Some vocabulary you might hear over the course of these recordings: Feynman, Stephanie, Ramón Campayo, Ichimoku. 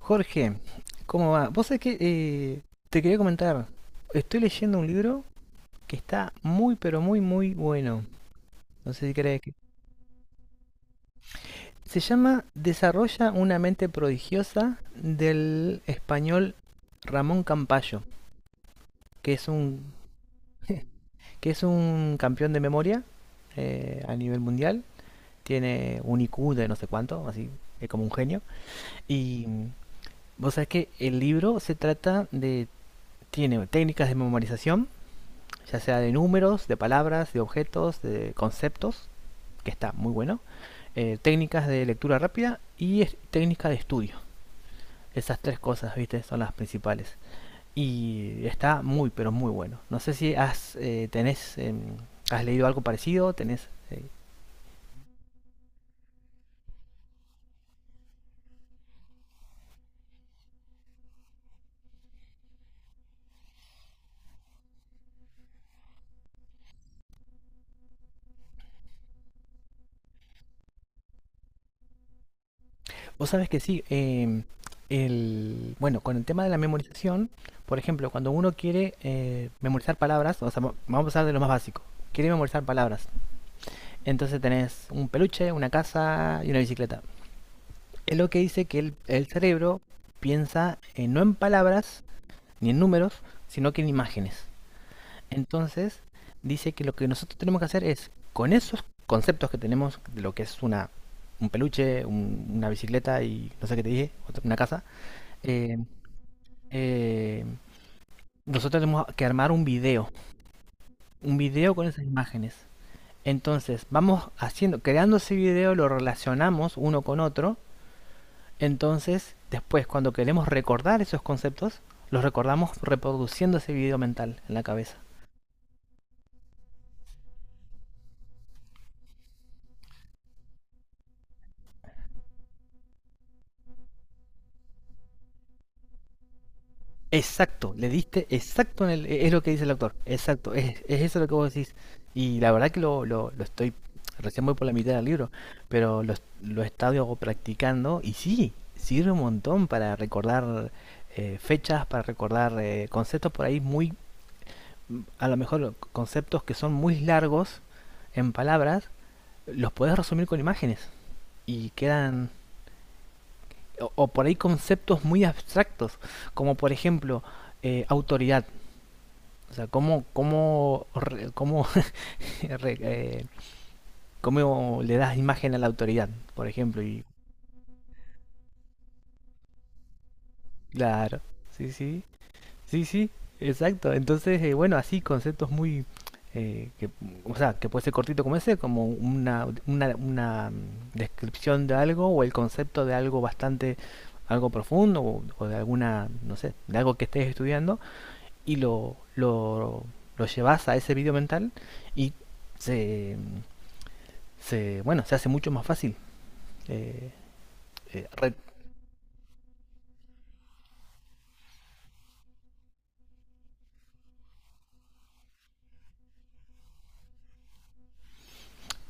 Jorge, ¿cómo va? Vos sabés que te quería comentar, estoy leyendo un libro que está muy, pero muy, muy bueno. No sé si crees que... Se llama Desarrolla una mente prodigiosa del español Ramón Campayo, que es un, que es un campeón de memoria a nivel mundial. Tiene un IQ de no sé cuánto, así es como un genio. Y mm, vos sabés que el libro se trata de... Tiene técnicas de memorización ya sea de números, de palabras, de objetos, de conceptos, que está muy bueno, técnicas de lectura rápida y técnicas de estudio. Esas tres cosas, viste, son las principales. Y está muy, pero muy bueno. No sé si has, tenés, ¿Has leído algo parecido, tenés...? Vos sabés que sí, bueno, con el tema de la memorización, por ejemplo, cuando uno quiere memorizar palabras, o sea, vamos a hablar de lo más básico, quiere memorizar palabras. Entonces tenés un peluche, una casa y una bicicleta. Es lo que dice que el cerebro piensa no en palabras ni en números, sino que en imágenes. Entonces dice que lo que nosotros tenemos que hacer es, con esos conceptos que tenemos de lo que es un peluche, una bicicleta y no sé qué te dije, una casa, eh, eh, nosotros tenemos que armar un video con esas imágenes. Entonces vamos haciendo, creando ese video, lo relacionamos uno con otro. Entonces, después, cuando queremos recordar esos conceptos, los recordamos reproduciendo ese video mental en la cabeza. Exacto, le diste exacto en es lo que dice el autor, exacto, es eso lo que vos decís. Y la verdad que lo estoy, recién voy por la mitad del libro, pero lo he estado practicando y sí, sirve un montón para recordar fechas, para recordar conceptos por ahí muy, a lo mejor conceptos que son muy largos en palabras, los podés resumir con imágenes y quedan, o por ahí conceptos muy abstractos, como por ejemplo autoridad. O sea, cómo, eh, cómo le das imagen a la autoridad, por ejemplo? Y claro, sí, sí, sí, sí, exacto. Entonces, bueno, así conceptos muy... eh, que, o sea, que puede ser cortito como ese, como una descripción de algo o el concepto de algo bastante, algo profundo o de alguna, no sé, de algo que estés estudiando y lo llevas a ese video mental y se, se, bueno, se hace mucho más fácil. Eh, eh,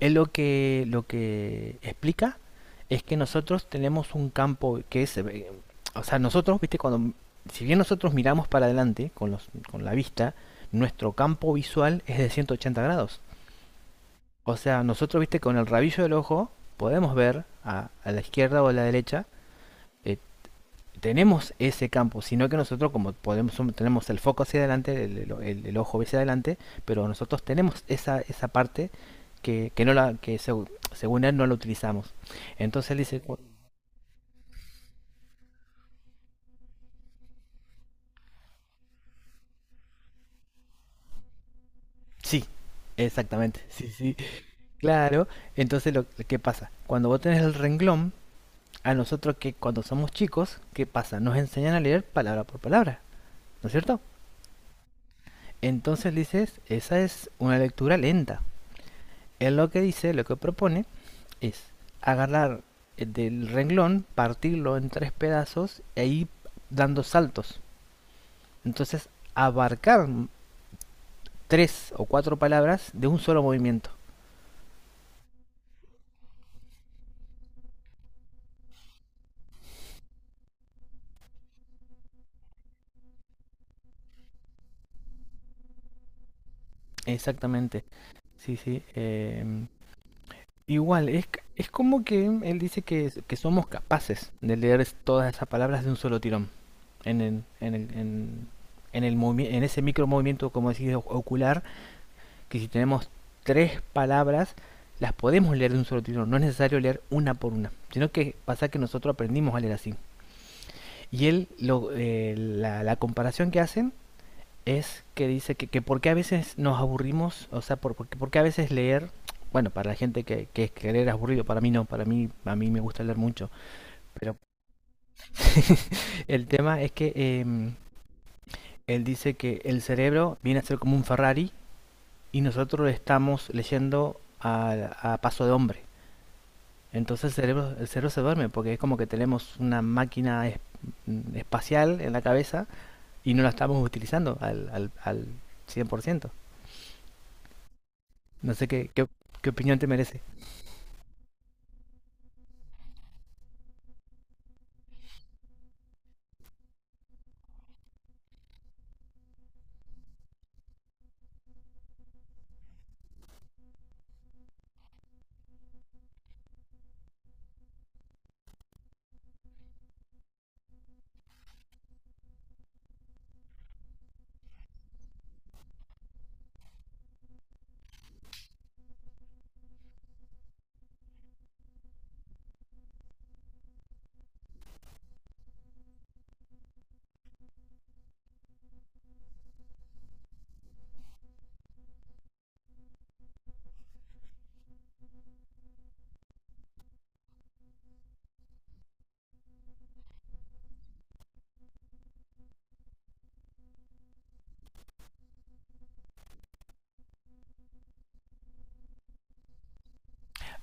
es lo que explica es que nosotros tenemos un campo que es, o sea, nosotros, viste, cuando, si bien nosotros miramos para adelante con la vista, nuestro campo visual es de 180 grados. O sea, nosotros, viste, con el rabillo del ojo podemos ver a la izquierda o a la derecha eh, tenemos ese campo, sino que nosotros como podemos tenemos el foco hacia adelante, el ojo hacia adelante, pero nosotros tenemos esa parte que no la que seg- según él no la utilizamos. Entonces él dice, sí, exactamente, sí, sí, claro. Entonces lo que pasa, cuando vos tenés el renglón, a nosotros que cuando somos chicos, ¿qué pasa? Nos enseñan a leer palabra por palabra, ¿no es cierto? Entonces dices, esa es una lectura lenta. Él lo que propone, es agarrar del renglón, partirlo en tres pedazos y ahí dando saltos. Entonces, abarcar tres o cuatro palabras de un solo movimiento. Exactamente. Sí, sí. Igual, es como que él dice que somos capaces de leer todas esas palabras de un solo tirón. En el, en el, en, en el en ese micro movimiento, como decís, ocular, que si tenemos tres palabras, las podemos leer de un solo tirón. No es necesario leer una por una, sino que pasa que nosotros aprendimos a leer así. Y él, la comparación que hacen es que dice que por qué a veces nos aburrimos, o sea, por qué a veces leer bueno, para la gente que leer es aburrido, para mí no, para mí, a mí me gusta leer mucho. Pero el tema es que él dice que el cerebro viene a ser como un Ferrari y nosotros estamos leyendo a paso de hombre. Entonces el cerebro se duerme porque es como que tenemos una máquina espacial en la cabeza y no la estamos utilizando al cien por ciento. No sé qué opinión te merece.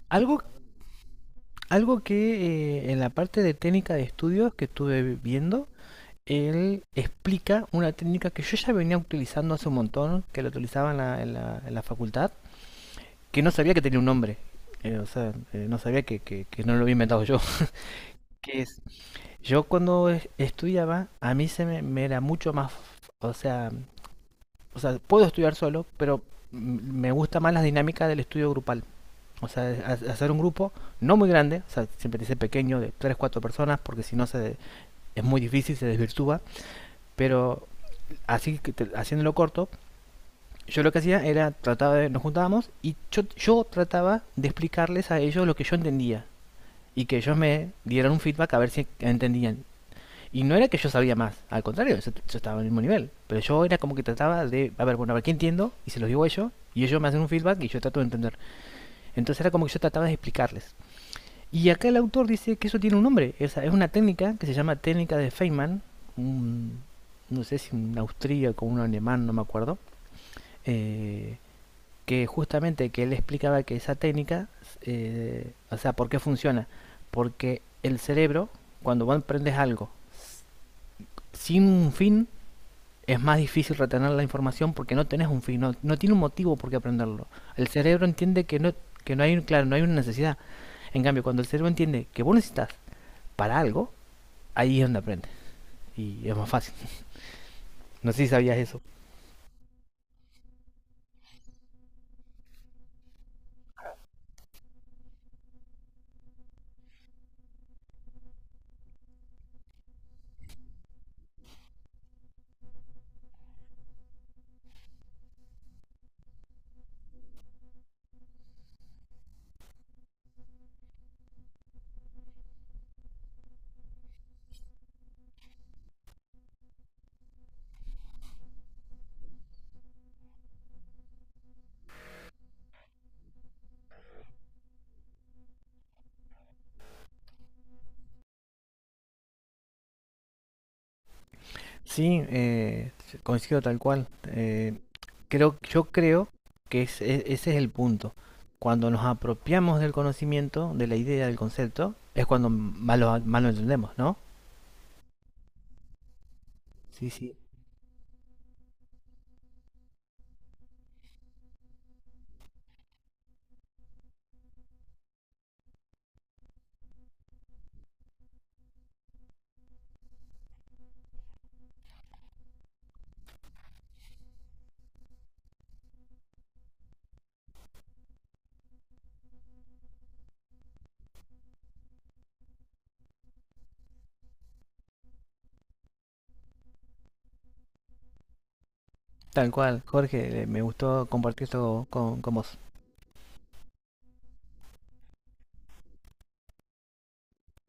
Algo, Algo que en la parte de técnica de estudios que estuve viendo, él explica una técnica que yo ya venía utilizando hace un montón, que la utilizaba en la facultad, que no sabía que tenía un nombre. No sabía que no lo había inventado yo. Que es... Yo cuando estudiaba, a mí me era mucho más, o sea, o sea, puedo estudiar solo, pero me gusta más la dinámica del estudio grupal. O sea, hacer un grupo no muy grande, o sea, siempre dice pequeño, de 3 4 personas, porque si no se, es muy difícil, se desvirtúa, pero así haciéndolo corto, yo lo que hacía era trataba de nos juntábamos y yo, trataba de explicarles a ellos lo que yo entendía y que ellos me dieran un feedback a ver si entendían. Y no era que yo sabía más, al contrario, yo, estaba en el mismo nivel. Pero yo era como que trataba de, a ver, bueno, a ver qué entiendo, y se los digo a ellos, y ellos me hacen un feedback y yo trato de entender. Entonces era como que yo trataba de explicarles. Y acá el autor dice que eso tiene un nombre, es una técnica que se llama técnica de Feynman, un, no sé si un austríaco o un alemán, no me acuerdo, eh, que justamente que él explicaba que esa técnica, o sea, ¿por qué funciona? Porque el cerebro, cuando vos aprendes algo sin un fin, es más difícil retener la información porque no tenés un fin, no tiene un motivo por qué aprenderlo. El cerebro entiende que no hay un, claro, no hay una necesidad. En cambio, cuando el cerebro entiende que vos necesitas para algo, ahí es donde aprendes. Y es más fácil. No sé si sabías eso. Sí, coincido tal cual. Yo creo que ese es el punto. Cuando nos apropiamos del conocimiento, de la idea, del concepto, es cuando más lo entendemos, ¿no? Sí, sí. Tal cual, Jorge, me gustó compartir esto con vos.